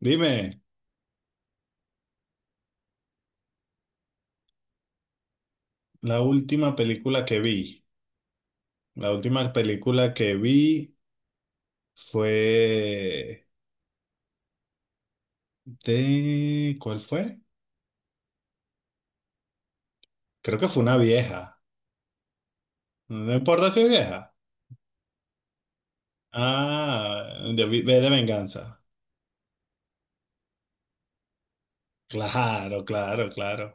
Dime, la última película que vi, la última película que vi fue de... ¿Cuál fue? Creo que fue una vieja. No importa si es vieja. Ah, de V de Venganza. Claro, claro, claro.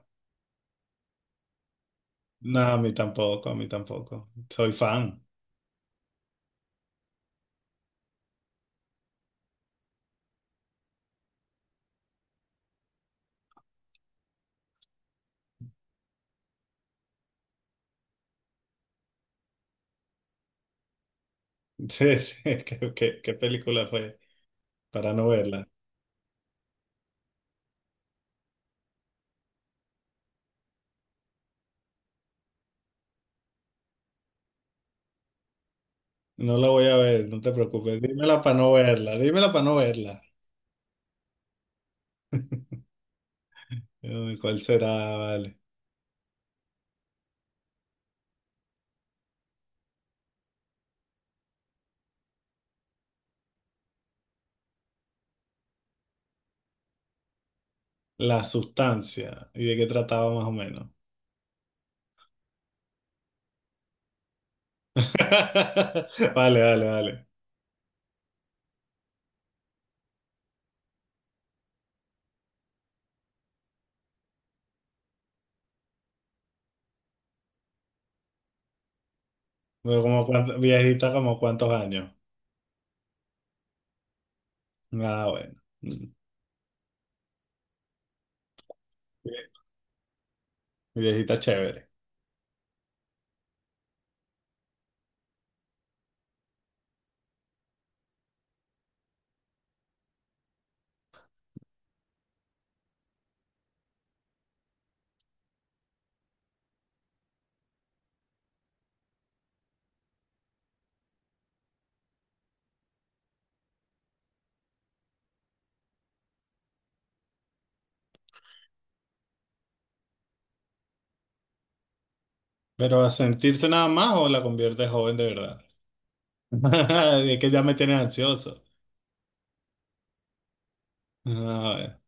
No, a mí tampoco, a mí tampoco. Soy fan. Sí, sí, ¿ qué película fue? Para no verla. No la voy a ver, no te preocupes. Dímela para no verla, dímela para no verla. Uy, ¿cuál será? Vale. La sustancia. ¿Y de qué trataba más o menos? Vale, vale, vale. Bueno, viejita, como cuántos años. Ah, bueno. Mm. Viejita chévere. ¿Pero a sentirse nada más o la convierte joven de verdad? Es que ya me tienes ansioso. Ah, bueno.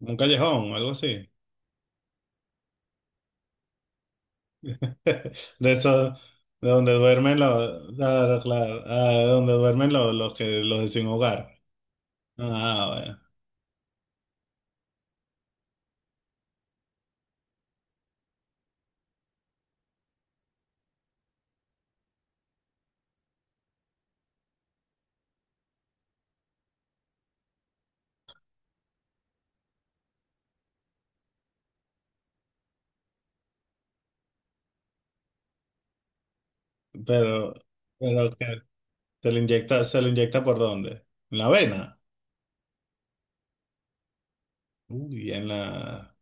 Un callejón, algo así. De esos, de donde duermen los, claro, claro. Ah, de donde duermen los de sin hogar. Ah, bueno. Pero, pero ok. ¿Se le inyecta, por dónde? ¿En la vena? Uy, en la...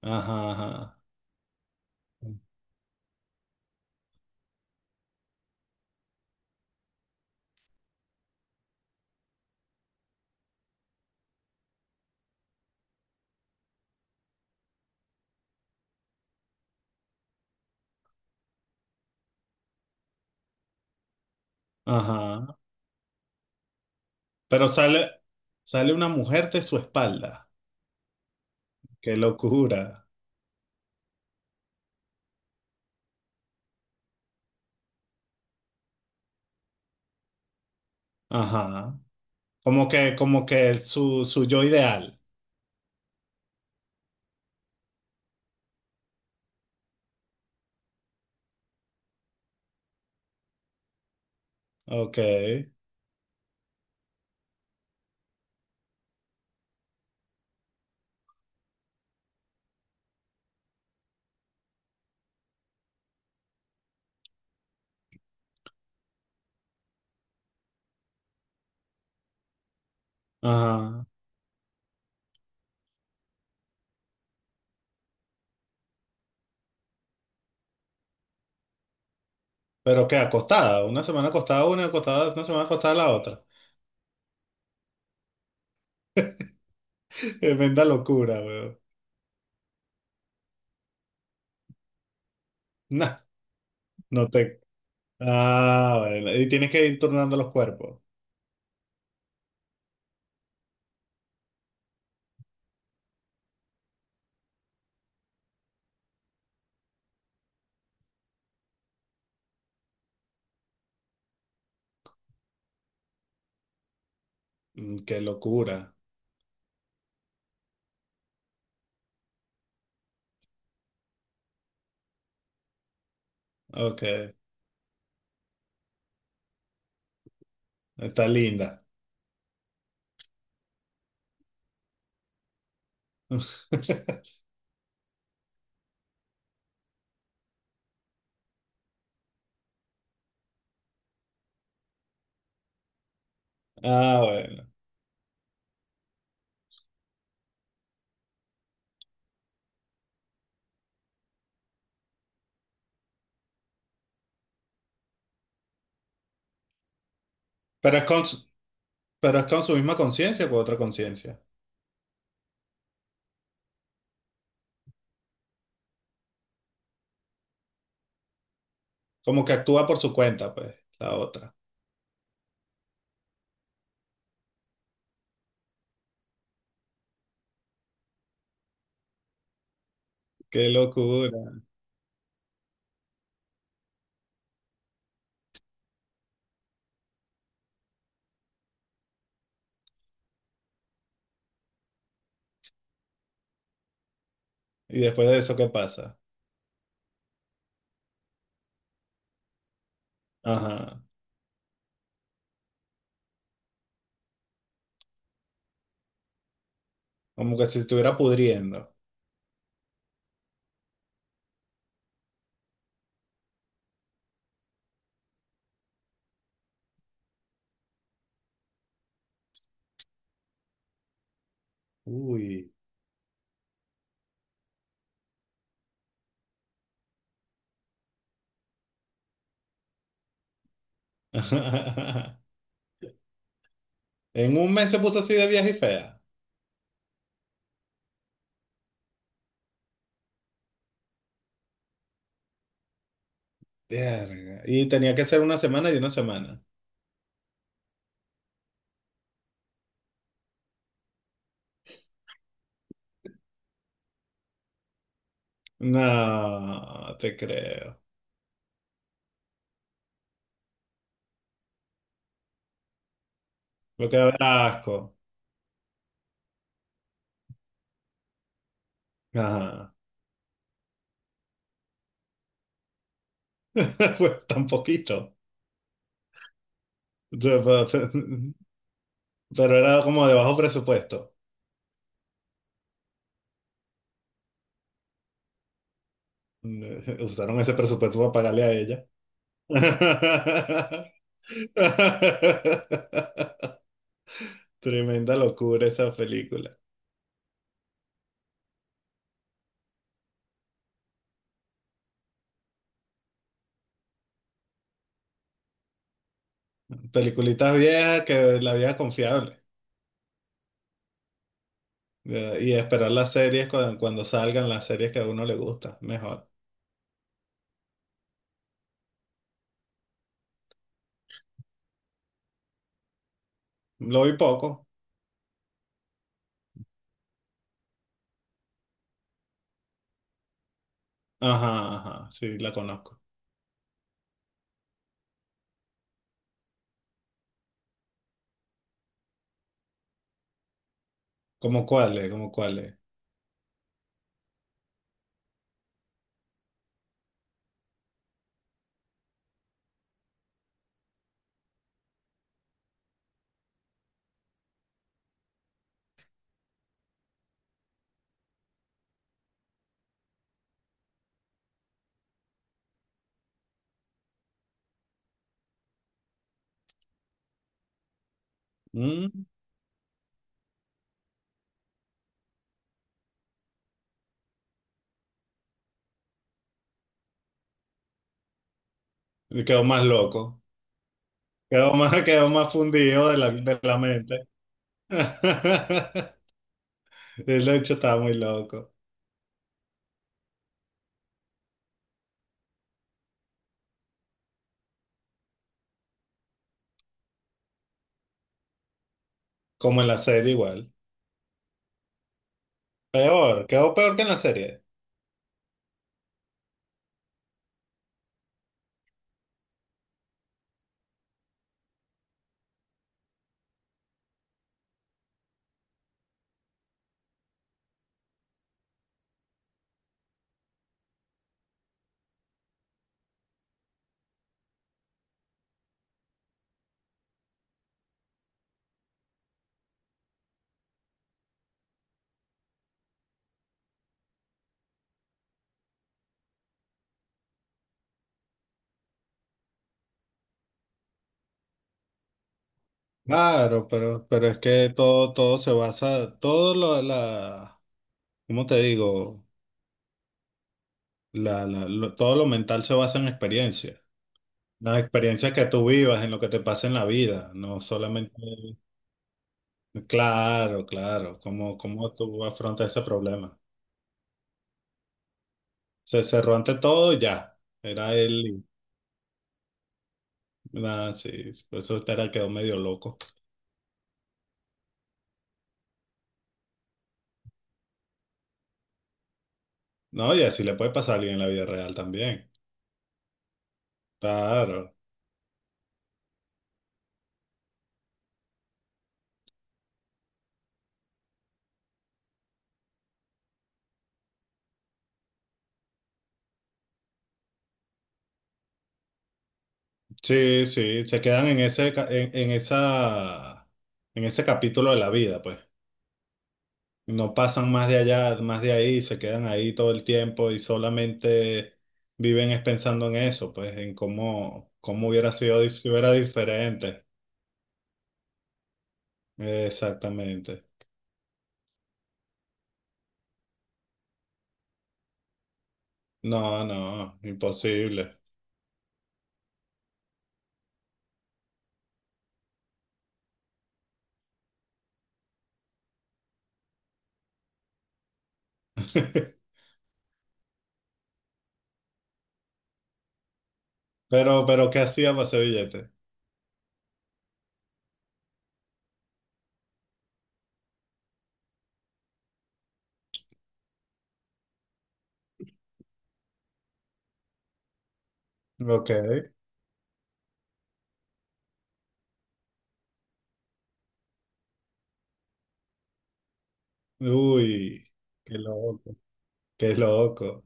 Ajá, ajá. Ajá. Pero sale, sale una mujer de su espalda. Qué locura. Ajá. Como que su, su yo ideal. Ok. Ajá. Pero que acostada. Una semana acostada, una semana acostada la otra. Tremenda locura, weón. Nah, no te. Ah, bueno. Y tienes que ir turnando los cuerpos. Mm, qué locura. Ok. Está linda. Ah, bueno. Pero es con su, pero es con su misma conciencia o con otra conciencia. Como que actúa por su cuenta, pues, la otra. Qué locura. Y después de eso, ¿qué pasa? Ajá. Como que si estuviera pudriendo. Uy. En un mes se puso así de vieja y fea. Verga. Y tenía que ser una semana y una semana. No, te creo. Lo que da asco. Ajá. Pues tan poquito. Pero pero era como de bajo presupuesto. Usaron ese presupuesto para pagarle a ella. Tremenda locura esa película. Peliculitas viejas que la vieja confiable. Y esperar las series cuando, cuando salgan las series que a uno le gusta. Mejor. Lo vi poco. Ajá, ajá. Sí, la conozco. ¿Cómo cuál es? ¿Cómo cuál es? Mm, quedó más loco. Quedó más, quedó más fundido de la mente. El hecho estaba muy loco. Como en la serie igual. Peor, quedó peor que en la serie. Claro, pero, es que todo, todo se basa, todo lo, la, ¿cómo te digo? Todo lo mental se basa en experiencias. Las experiencias que tú vivas, en lo que te pasa en la vida, no solamente... Claro, claro, ¿cómo, cómo tú afrontas ese problema? Se cerró ante todo y ya. Era él, nada, sí, por eso era, quedó medio loco. No, y así le puede pasar a alguien en la vida real también. Claro. Sí, sí, se quedan en ese, en esa, en ese capítulo de la vida, pues. No pasan más de allá, más de ahí, se quedan ahí todo el tiempo y solamente viven es pensando en eso, pues, en cómo, cómo hubiera sido si hubiera diferente. Exactamente. No, no, imposible. Pero, ¿qué hacía para ese billete? Ok. Uy, qué loco, qué loco.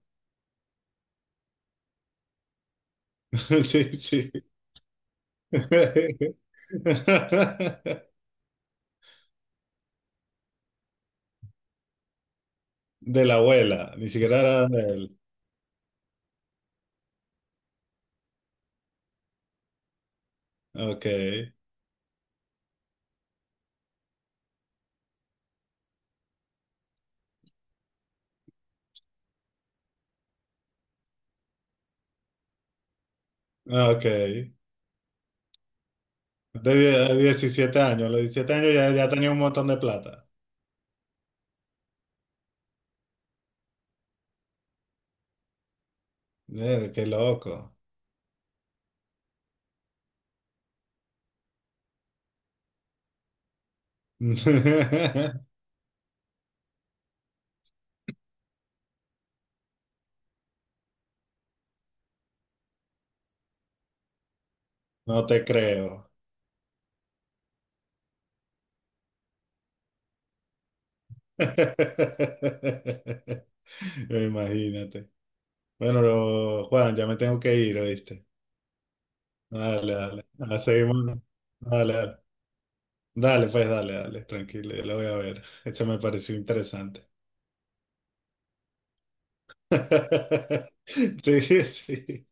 Sí, sí. De la abuela, ni siquiera era de él. Ok, ok. Diecisiete años, los 17 años ya, ya tenía un montón de plata. Qué loco. No te creo. Imagínate. Bueno, Juan, ya me tengo que ir, ¿oíste? Dale, dale. Ah, seguimos. Dale, dale. Dale, pues dale, dale, tranquilo, yo lo voy a ver. Esto me pareció interesante. Sí, sí.